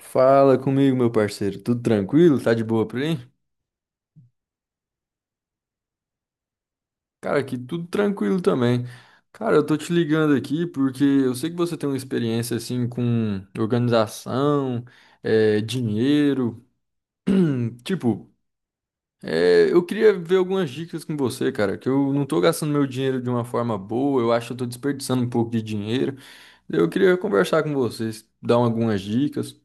Fala comigo, meu parceiro. Tudo tranquilo? Tá de boa por aí? Cara, aqui tudo tranquilo também. Cara, eu tô te ligando aqui porque eu sei que você tem uma experiência assim com organização, dinheiro. Tipo, eu queria ver algumas dicas com você, cara, que eu não tô gastando meu dinheiro de uma forma boa, eu acho que eu tô desperdiçando um pouco de dinheiro. Eu queria conversar com vocês, dar algumas dicas.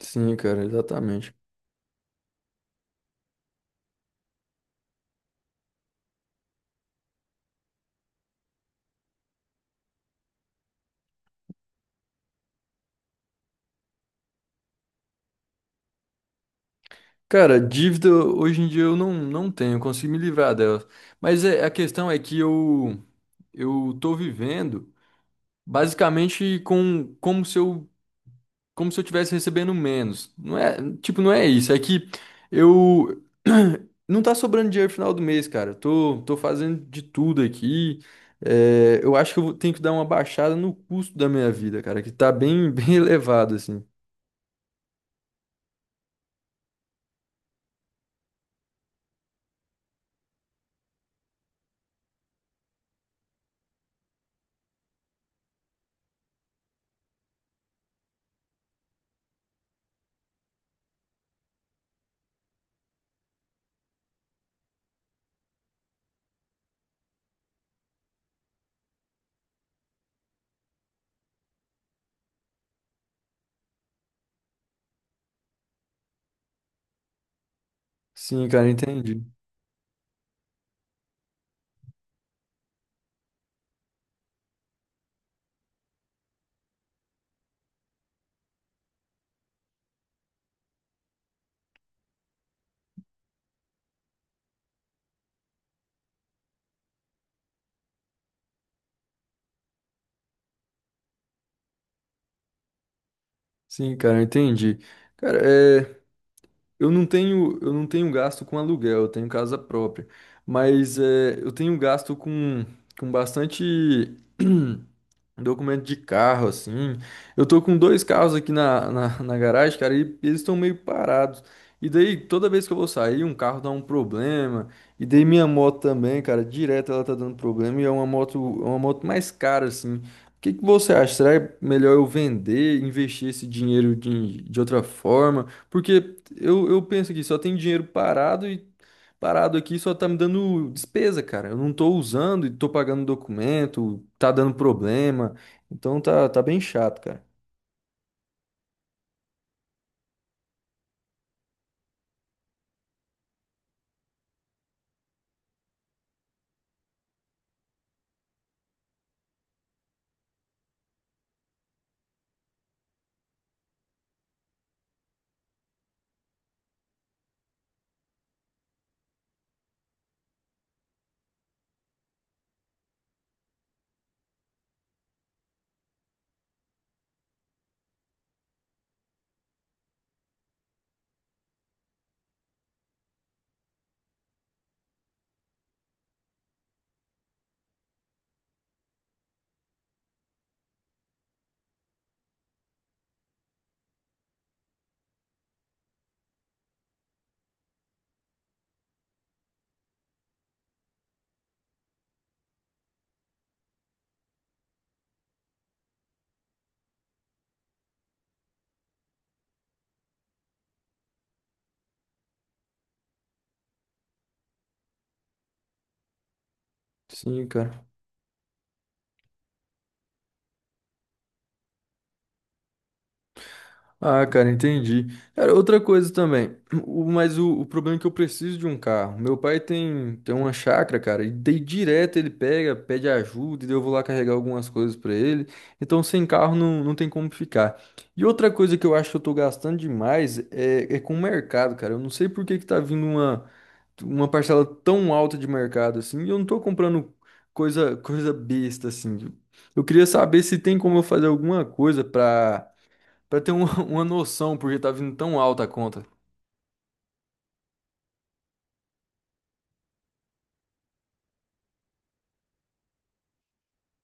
Sim, cara, exatamente. Cara, dívida hoje em dia eu não tenho, eu consigo me livrar dela. A questão é que eu tô vivendo basicamente com como se eu tivesse recebendo menos. Não é, tipo, não é isso, é que eu não tá sobrando dinheiro no final do mês, cara. Eu tô fazendo de tudo aqui. É, eu acho que tenho que dar uma baixada no custo da minha vida, cara, que tá bem bem elevado assim. Sim, cara, entendi. Sim, cara, entendi. Cara, é, eu não tenho gasto com aluguel, eu tenho casa própria. Mas é, eu tenho gasto com bastante. Um documento de carro, assim. Eu tô com dois carros aqui na garagem, cara, e eles estão meio parados. E daí, toda vez que eu vou sair, um carro dá um problema. E daí minha moto também, cara, direto ela tá dando problema. É uma moto mais cara, assim. O que que você acha? Será melhor eu vender, investir esse dinheiro de outra forma? Porque eu penso que só tem dinheiro parado e parado aqui, só tá me dando despesa, cara. Eu não tô usando e tô pagando documento, tá dando problema. Então tá bem chato, cara. Sim, cara. Ah, cara, entendi. Cara, outra coisa também. O problema é que eu preciso de um carro. Meu pai tem uma chácara, cara, e daí direto ele pega, pede ajuda, e daí eu vou lá carregar algumas coisas pra ele. Então sem carro não tem como ficar. E outra coisa que eu acho que eu tô gastando demais é com o mercado, cara. Eu não sei por que que tá vindo uma. Uma parcela tão alta de mercado assim, e eu não tô comprando coisa besta assim. Eu queria saber se tem como eu fazer alguma coisa pra para ter uma, uma noção, porque tá vindo tão alta a conta.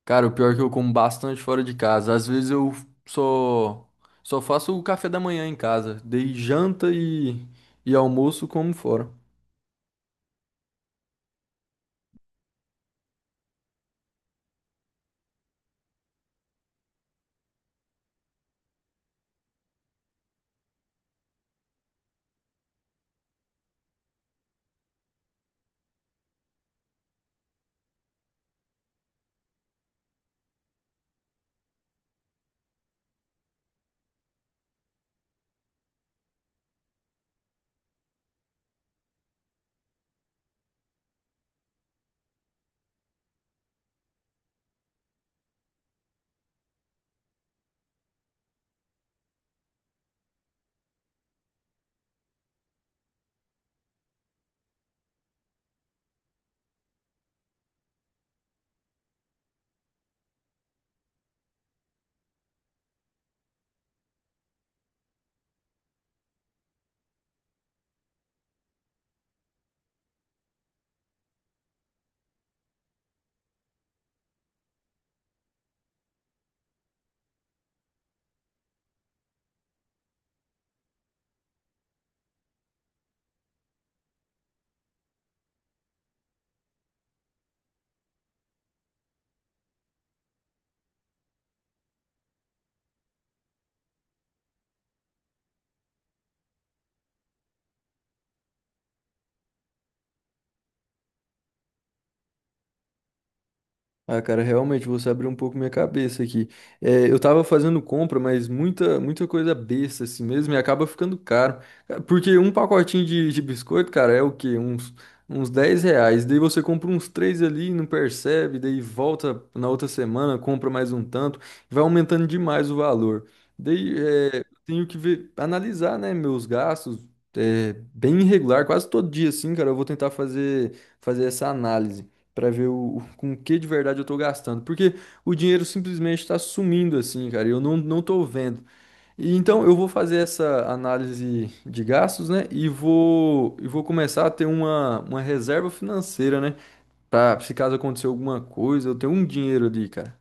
Cara, o pior é que eu como bastante fora de casa. Às vezes eu só só faço o café da manhã em casa, dei janta e almoço como fora. Ah, cara, realmente você abriu um pouco minha cabeça aqui. É, eu tava fazendo compra, mas muita, muita coisa besta assim mesmo e acaba ficando caro. Porque um pacotinho de biscoito, cara, é o quê? Uns 10 reais. Daí você compra uns três ali, não percebe, daí volta na outra semana, compra mais um tanto, vai aumentando demais o valor. Daí é, tenho que ver, analisar, né, meus gastos. É, bem irregular, quase todo dia assim, cara, eu vou tentar fazer, fazer essa análise. Pra ver o, com o que de verdade eu tô gastando, porque o dinheiro simplesmente tá sumindo assim, cara, e eu não, não tô vendo. E então eu vou fazer essa análise de gastos, né, e vou começar a ter uma reserva financeira, né, pra se caso acontecer alguma coisa, eu ter um dinheiro ali, cara.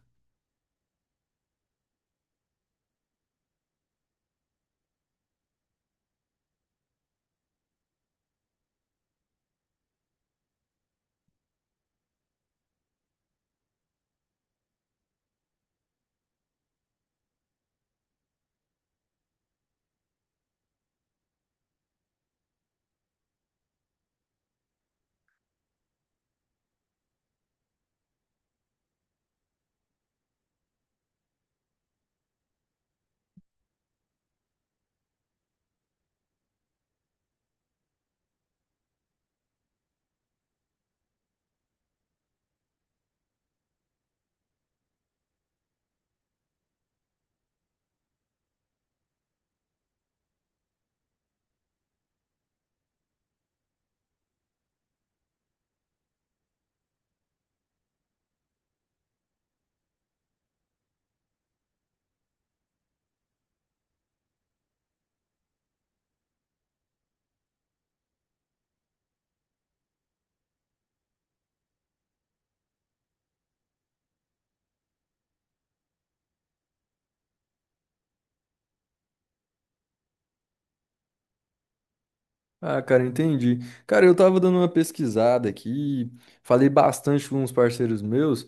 Ah, cara, entendi. Cara, eu tava dando uma pesquisada aqui, falei bastante com uns parceiros meus.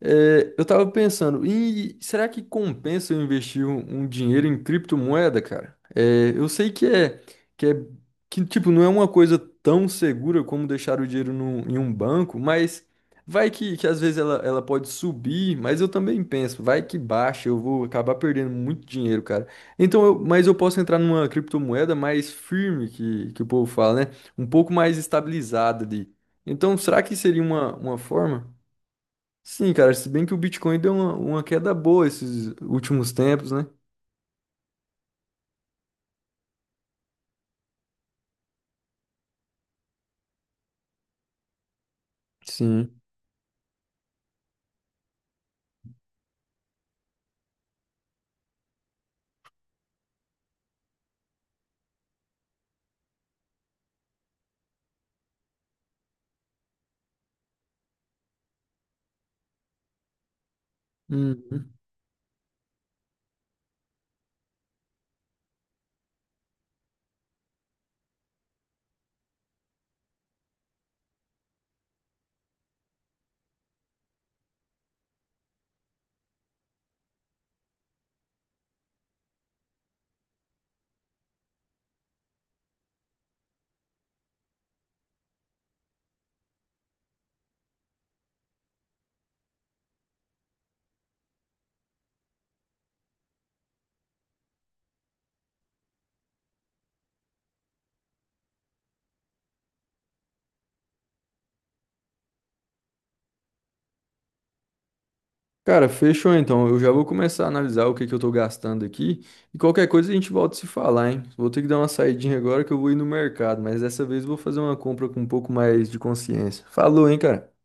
É, eu tava pensando, e será que compensa eu investir um dinheiro em criptomoeda, cara? É, eu sei que é, que tipo, não é uma coisa tão segura como deixar o dinheiro em um banco, mas vai que às vezes ela pode subir, mas eu também penso, vai que baixa, eu vou acabar perdendo muito dinheiro, cara. Então, mas eu posso entrar numa criptomoeda mais firme, que o povo fala, né? Um pouco mais estabilizada ali. Então, será que seria uma forma? Sim, cara, se bem que o Bitcoin deu uma queda boa esses últimos tempos, né? Sim. Uhum. Cara, fechou então. Eu já vou começar a analisar o que que eu tô gastando aqui. E qualquer coisa a gente volta a se falar, hein? Vou ter que dar uma saidinha agora que eu vou ir no mercado, mas dessa vez eu vou fazer uma compra com um pouco mais de consciência. Falou, hein, cara?